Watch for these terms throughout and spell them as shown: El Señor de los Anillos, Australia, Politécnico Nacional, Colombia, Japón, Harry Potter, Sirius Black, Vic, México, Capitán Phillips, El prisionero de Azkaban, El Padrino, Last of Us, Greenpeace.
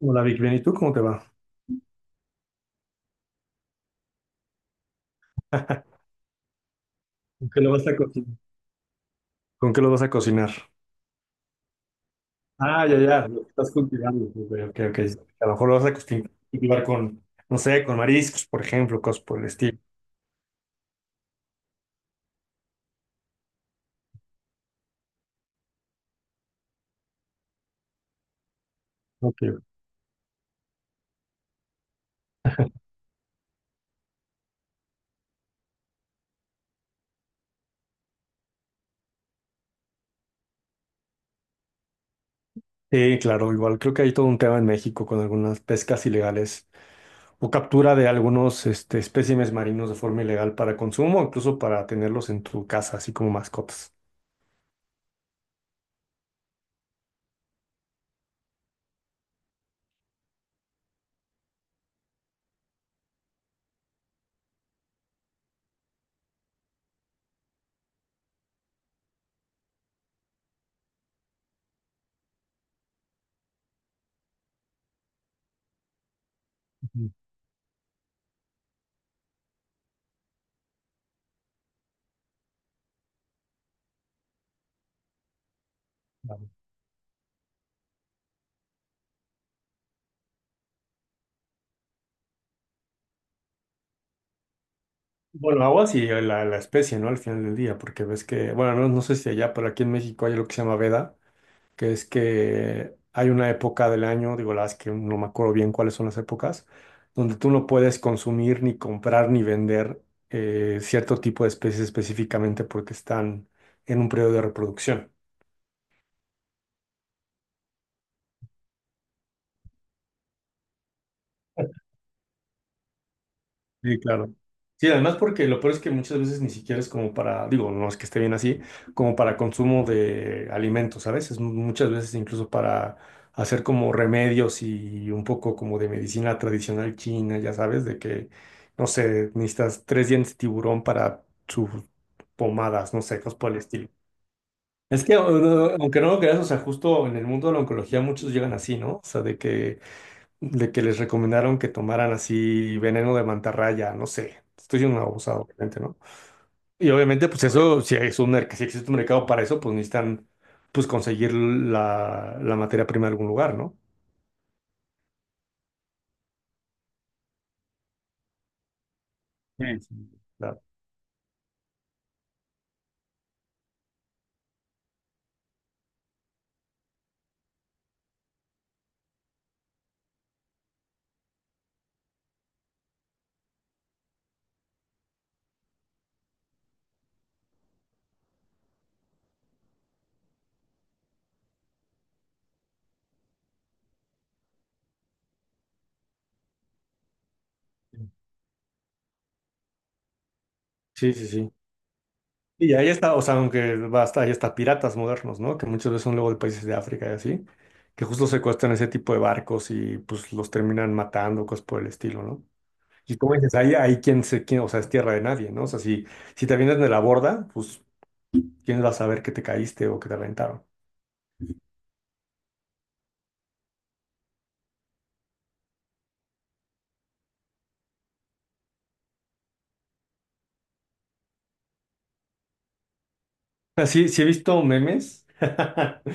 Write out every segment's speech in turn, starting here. Hola Vic, bien, ¿y tú cómo te va? ¿Con qué lo vas a cocinar? ¿Con qué lo vas a cocinar? Ah, ya, ya, lo que estás cultivando. Ok, ok, ok. A lo mejor lo vas a cultivar con, no sé, con mariscos, por ejemplo, cosas por el estilo. Ok. Sí, claro, igual creo que hay todo un tema en México con algunas pescas ilegales o captura de algunos este, espécimes marinos de forma ilegal para consumo, incluso para tenerlos en tu casa, así como mascotas. Ujú, claro. Bueno, aguas y la especie, ¿no? Al final del día, porque ves que, bueno, no, no sé si allá, pero aquí en México hay lo que se llama veda, que es que hay una época del año, digo, la verdad es que no me acuerdo bien cuáles son las épocas, donde tú no puedes consumir, ni comprar, ni vender cierto tipo de especies específicamente porque están en un periodo de reproducción. Sí, claro. Sí, además porque lo peor es que muchas veces ni siquiera es como para, digo, no es que esté bien así, como para consumo de alimentos, ¿sabes? Es muchas veces incluso para hacer como remedios y un poco como de medicina tradicional china, ya sabes, de que, no sé, necesitas tres dientes de tiburón para sus pomadas, no sé, cosas por el estilo. Es que, aunque no lo creas, o sea, justo en el mundo de la oncología muchos llegan así, ¿no? O sea, de que les recomendaron que tomaran así veneno de mantarraya, no sé. Estoy siendo un abusado, obviamente, ¿no? Y obviamente, pues eso, si es un, si existe un mercado para eso, pues necesitan, pues conseguir la materia prima de algún lugar, ¿no? La- Sí, sí, sí. Y ahí está, o sea, aunque basta, ahí está piratas modernos, ¿no? Que muchas veces son luego de países de África y así, que justo secuestran ese tipo de barcos y pues los terminan matando, cosas por el estilo, ¿no? Y como dices, ahí quien se, quien, o sea, es tierra de nadie, ¿no? O sea, si, si te vienes de la borda, pues ¿quién va a saber que te caíste o que te reventaron? Así, sí, sí he visto memes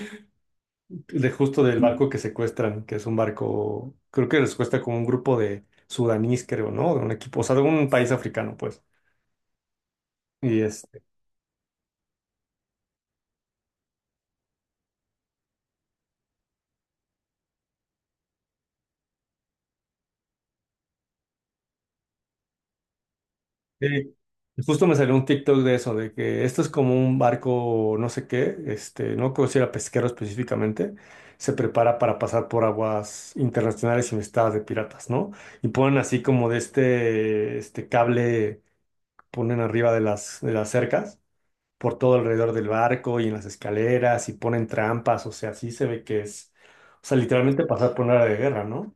de justo del barco que secuestran, que es un barco, creo que les cuesta como un grupo de sudanís, creo, ¿no? De un equipo, o sea, de un país africano, pues. Y este, sí, justo me salió un TikTok de eso, de que esto es como un barco, no sé qué, este, no creo si era pesquero específicamente, se prepara para pasar por aguas internacionales infestadas de piratas, ¿no? Y ponen así como de este, este cable. Ponen arriba de de las cercas, por todo alrededor del barco y en las escaleras y ponen trampas, o sea, sí se ve que es, o sea, literalmente pasar por una área de guerra, ¿no?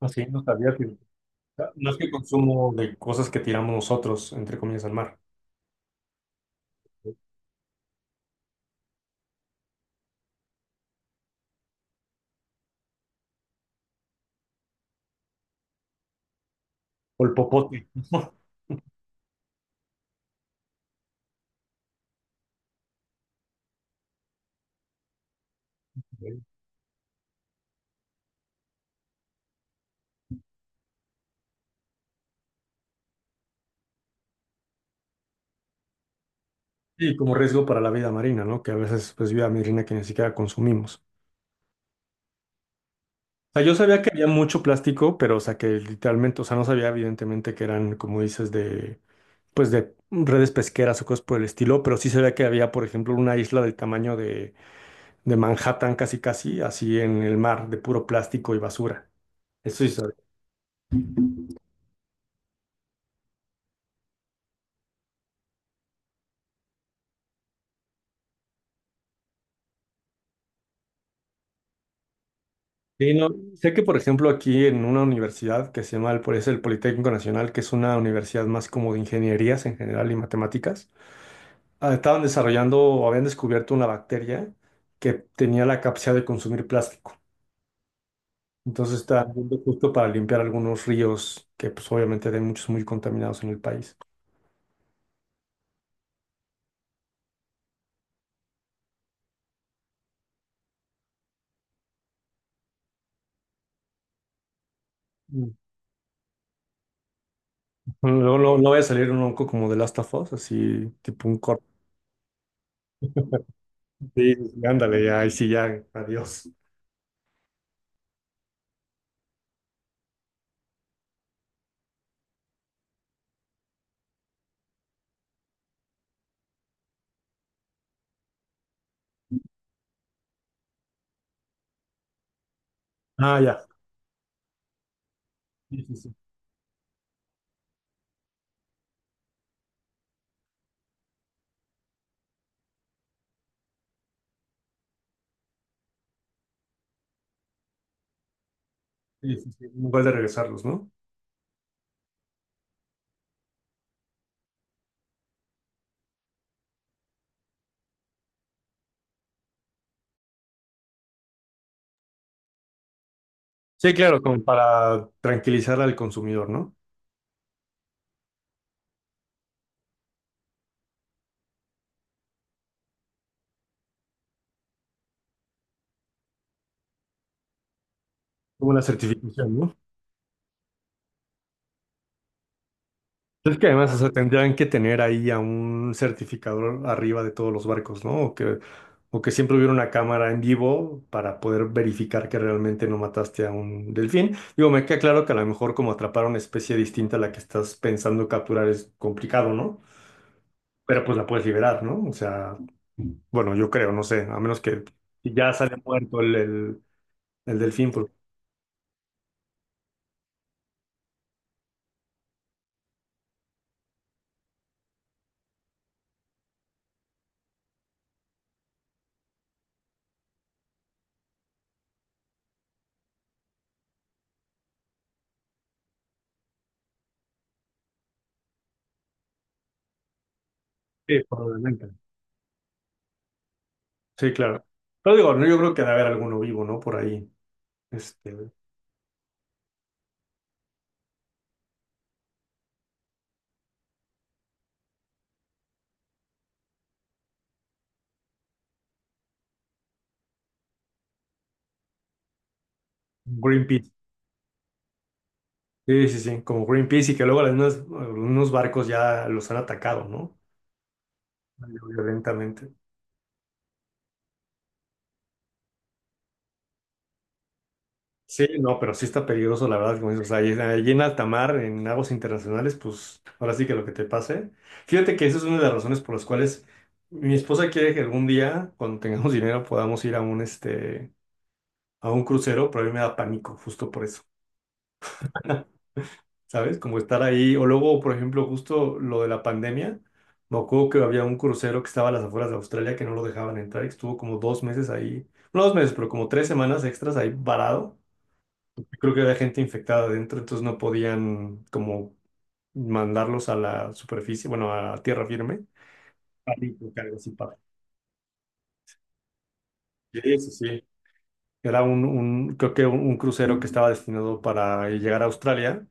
Así, no sabía que, no es que consumo de cosas que tiramos nosotros, entre comillas, al mar, o el popote. Y como riesgo para la vida marina, ¿no? Que a veces, pues, vida marina que ni siquiera consumimos. O sea, yo sabía que había mucho plástico, pero, o sea, que literalmente, o sea, no sabía evidentemente que eran, como dices, de, pues de redes pesqueras o cosas por el estilo, pero sí se veía que había, por ejemplo, una isla del tamaño de Manhattan, casi casi, así en el mar, de puro plástico y basura. Eso sí se Sí, no, sé que, por ejemplo, aquí en una universidad que se llama el, es el Politécnico Nacional, que es una universidad más como de ingenierías en general y matemáticas, ah, estaban desarrollando o habían descubierto una bacteria que tenía la capacidad de consumir plástico. Entonces está viendo justo para limpiar algunos ríos que pues obviamente hay muchos muy contaminados en el país. Mm. No, no, no vaya a salir un onco como de Last of Us, así tipo un corte. Sí, sí, sí, ándale, ya, ahí sí, ya, adiós. Ah, ya. Sí, sí, sí, sí, sí, sí, un gol de regresarlos, ¿no? Sí, claro, como para tranquilizar al consumidor, ¿no? Como una certificación. Es que además, o sea, tendrían que tener ahí a un certificador arriba de todos los barcos, ¿no? O que siempre hubiera una cámara en vivo para poder verificar que realmente no mataste a un delfín. Digo, me queda claro que a lo mejor como atrapar una especie distinta a la que estás pensando capturar es complicado, ¿no? Pero pues la puedes liberar, ¿no? O sea, bueno, yo creo, no sé, a menos que ya sale muerto el delfín. Pues, sí, probablemente. Sí, claro. Pero digo, no, yo creo que debe haber alguno vivo, ¿no? Por ahí. Este, Greenpeace. Sí, sí, sí, como Greenpeace y que luego algunos, algunos barcos ya los han atacado, ¿no? Violentamente. Sí, no, pero sí está peligroso, la verdad, como dices, o sea, allí en alta mar, en aguas internacionales, pues ahora sí que lo que te pase. Fíjate que esa es una de las razones por las cuales mi esposa quiere que algún día, cuando tengamos dinero, podamos ir a un, este, a un crucero, pero a mí me da pánico, justo por eso. ¿Sabes? Como estar ahí. O luego, por ejemplo, justo lo de la pandemia, me acuerdo que había un crucero que estaba a las afueras de Australia que no lo dejaban entrar y estuvo como dos meses ahí, no dos meses, pero como tres semanas extras ahí varado. Creo que había gente infectada adentro, entonces no podían como mandarlos a la superficie, bueno, a tierra firme. Pánico, que algo así pasa. Sí, sí, sí. Era un- creo que un crucero que estaba destinado para llegar a Australia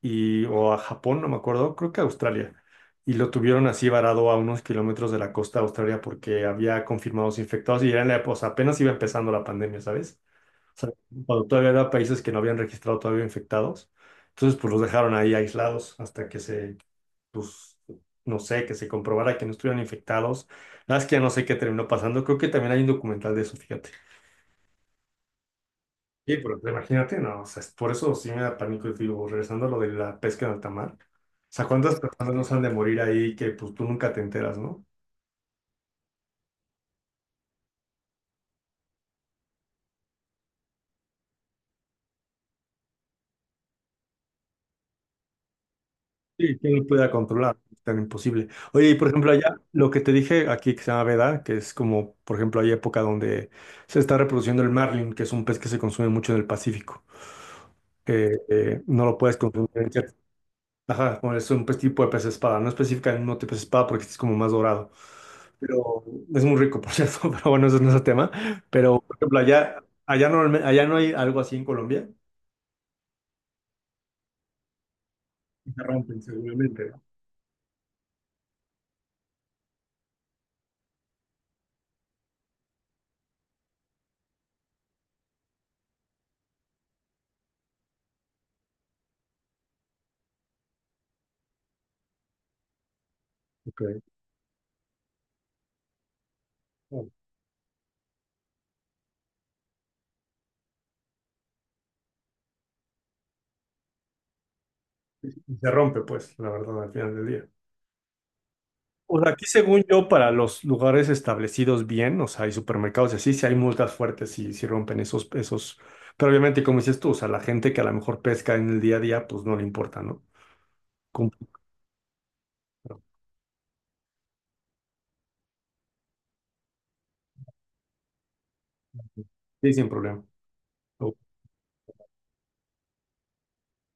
y, o a Japón, no me acuerdo, creo que a Australia. Y lo tuvieron así varado a unos kilómetros de la costa de Australia porque había confirmados infectados y era en la época, o sea, apenas iba empezando la pandemia, ¿sabes? O sea, cuando todavía había países que no habían registrado todavía infectados. Entonces, pues los dejaron ahí aislados hasta que se, pues, no sé, que se comprobara que no estuvieran infectados. La verdad es que ya no sé qué terminó pasando. Creo que también hay un documental de eso, fíjate. Sí, pero imagínate, no, o sea, es- por eso sí me da pánico y digo, regresando a lo de la pesca en alta mar, o sea, ¿cuántas personas no se han de morir ahí que pues tú nunca te enteras, ¿no? Sí, ¿quién lo pudiera controlar? Es tan imposible. Oye, y por ejemplo allá, lo que te dije aquí que se llama veda, que es como, por ejemplo, hay época donde se está reproduciendo el marlin, que es un pez que se consume mucho en el Pacífico, que no lo puedes consumir en Ajá, bueno, es un pues, tipo de pez espada, no especifica el mismo tipo de espada porque este es como más dorado, pero es muy rico, por cierto, pero bueno, eso no es el tema, pero por ejemplo, allá, allá, allá no hay algo así en Colombia, y se rompen seguramente, ¿no? Ok. Oh, y se rompe pues, la verdad, al final del día. O sea, aquí según yo, para los lugares establecidos bien, o sea, hay supermercados y así, sí hay multas fuertes si, si rompen esos, esos, pero obviamente, como dices tú, o sea, la gente que a lo mejor pesca en el día a día, pues no le importa, ¿no? Cumple, sí, sin problema. Ok.